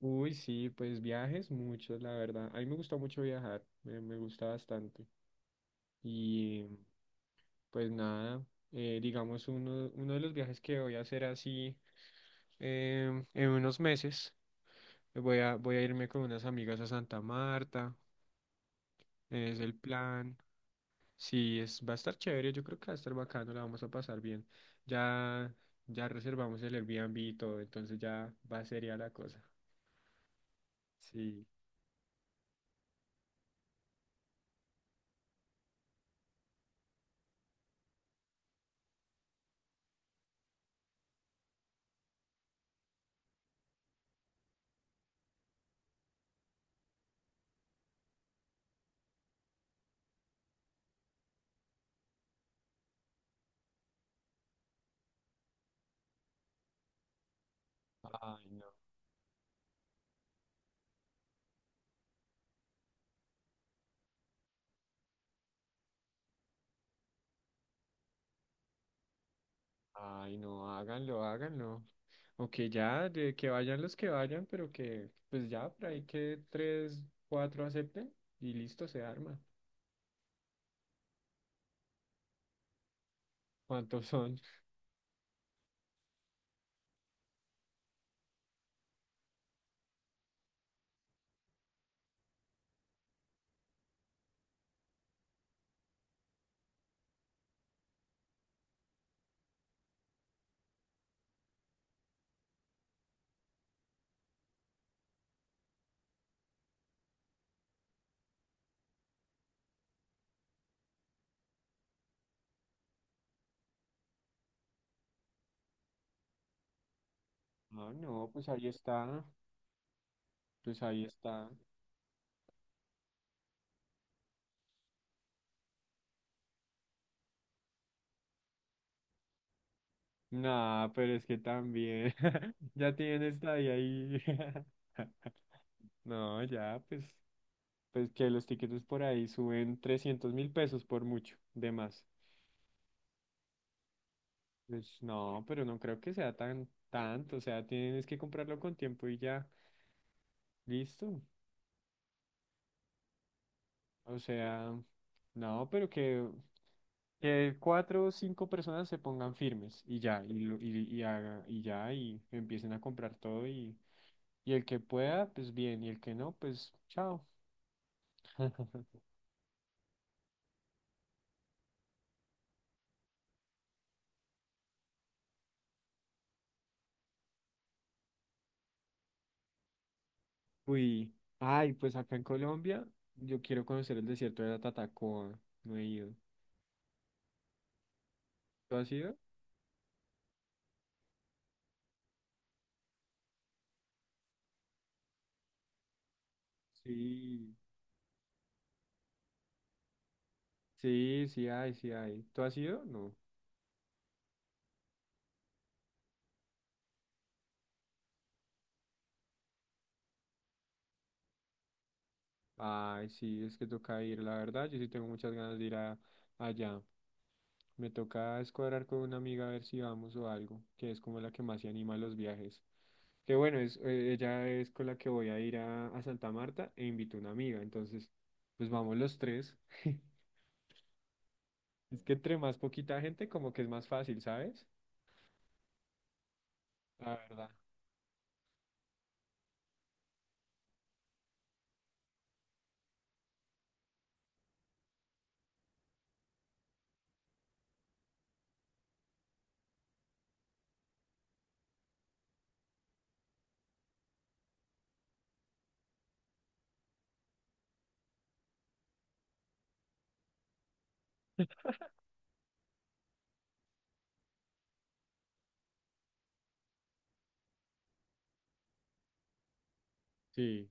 Uy, sí, pues viajes muchos, la verdad. A mí me gusta mucho viajar, me gusta bastante. Y pues nada, digamos, uno de los viajes que voy a hacer así en unos meses, voy a irme con unas amigas a Santa Marta, es el plan. Sí, va a estar chévere, yo creo que va a estar bacano, la vamos a pasar bien. Ya, ya reservamos el Airbnb y todo, entonces ya va seria la cosa. Sí. Ay, no, ay, no, háganlo, háganlo. O que ya, de que vayan los que vayan, pero que pues ya por ahí que tres, cuatro acepten y listo, se arma. ¿Cuántos son? Ah, no, pues ahí está, pues ahí está. Nah, pero es que también, ya tienen esta ahí, ahí. No, ya, pues que los tiquetes por ahí suben 300.000 pesos por mucho, de más. Pues no, pero no creo que sea tan tanto, o sea, tienes que comprarlo con tiempo y ya, listo. O sea, no, pero que cuatro o cinco personas se pongan firmes y ya, y ya, y empiecen a comprar todo y el que pueda, pues bien, y el que no, pues chao. Uy, ay, pues acá en Colombia yo quiero conocer el desierto de la Tatacoa, no he ido. ¿Tú has ido? Sí. Sí, sí hay, sí hay. ¿Tú has ido? No. Ay, sí, es que toca ir, la verdad, yo sí tengo muchas ganas de ir allá. Me toca escuadrar con una amiga a ver si vamos o algo, que es como la que más se anima a los viajes. Que bueno, ella es con la que voy a ir a Santa Marta e invito a una amiga. Entonces, pues vamos los tres. Es que entre más poquita gente, como que es más fácil, ¿sabes? La verdad. Sí.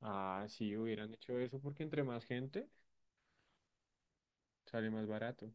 Ah, sí, hubieran hecho eso porque entre más gente sale más barato.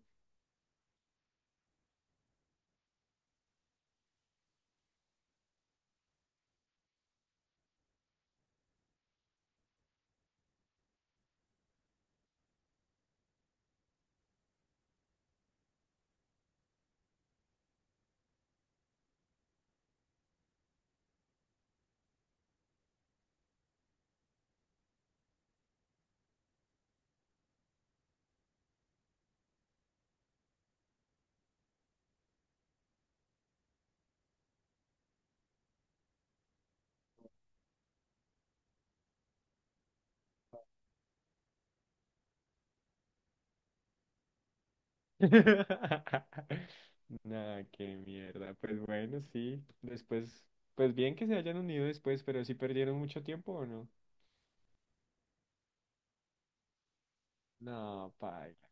Nada, qué mierda. Pues bueno, sí. Después, pues bien que se hayan unido después, pero si perdieron mucho tiempo o no. No, paila.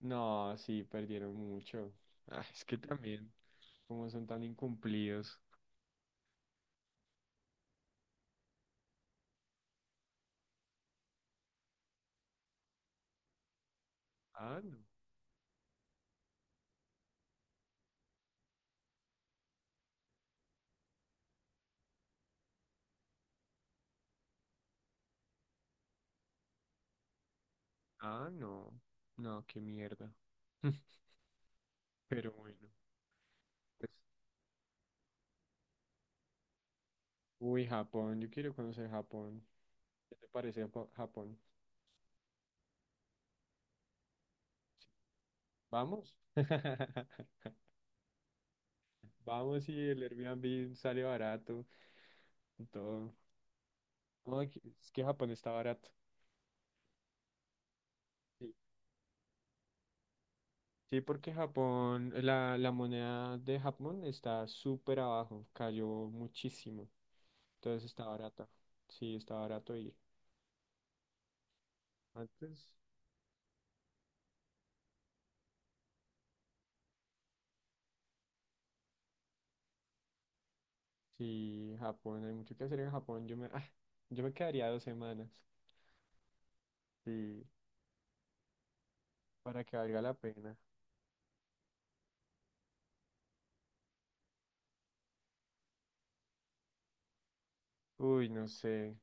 No, sí, perdieron mucho. Ah, es que también, como son tan incumplidos. Ah, no. Ah, no. No, qué mierda. Pero bueno. Pues, uy, Japón, yo quiero conocer Japón. ¿Qué te parece Japón? ¿Vamos? Vamos y el Airbnb sale barato y todo. No, es que Japón está barato. Sí, sí, porque Japón, la moneda de Japón está súper abajo, cayó muchísimo. Entonces está barato. Sí, está barato ir. Antes, sí, Japón, hay mucho que hacer en Japón. Yo me quedaría 2 semanas. Sí, para que valga la pena. Uy, no sé.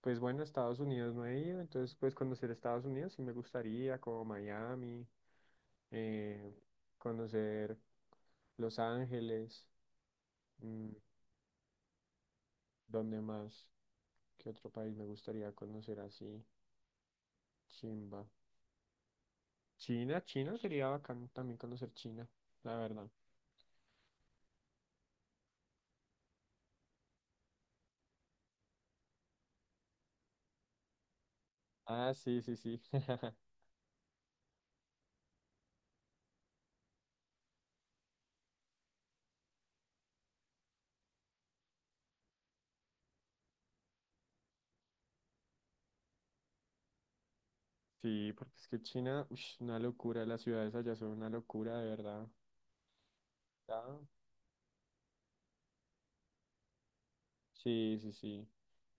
Pues bueno, Estados Unidos no he ido, entonces pues conocer Estados Unidos sí me gustaría, como Miami, eh, conocer Los Ángeles, mm, ¿dónde más? ¿Qué otro país me gustaría conocer así? Chimba. China sería bacán también conocer China, la verdad. Ah, sí, sí, sí. Sí, porque es que China, ush, una locura, las ciudades allá son una locura, de verdad. Ah, sí, sí, sí.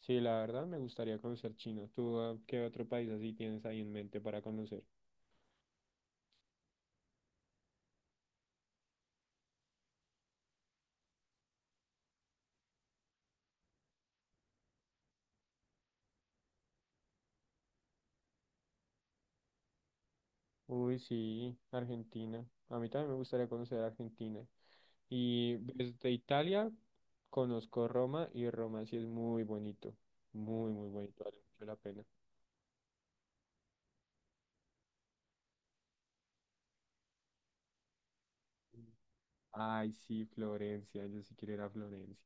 Sí, la verdad me gustaría conocer China. ¿Qué otro país así tienes ahí en mente para conocer? Uy, sí, Argentina. A mí también me gustaría conocer Argentina. Y desde Italia conozco Roma y Roma sí es muy bonito. Muy, muy bonito, vale mucho la pena. Ay, sí, Florencia, yo sí quiero ir a Florencia.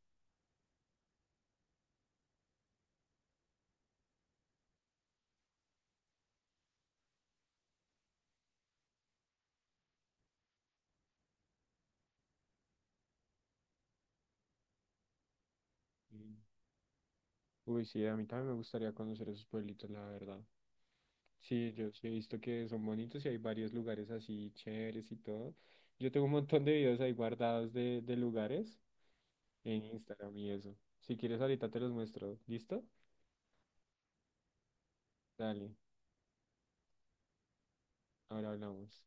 Sí. Uy, sí, a mí también me gustaría conocer esos pueblitos, la verdad. Sí, yo sí he visto que son bonitos y hay varios lugares así chéveres y todo. Yo tengo un montón de videos ahí guardados de lugares en Instagram y eso. Si quieres, ahorita te los muestro. ¿Listo? Dale, ahora hablamos.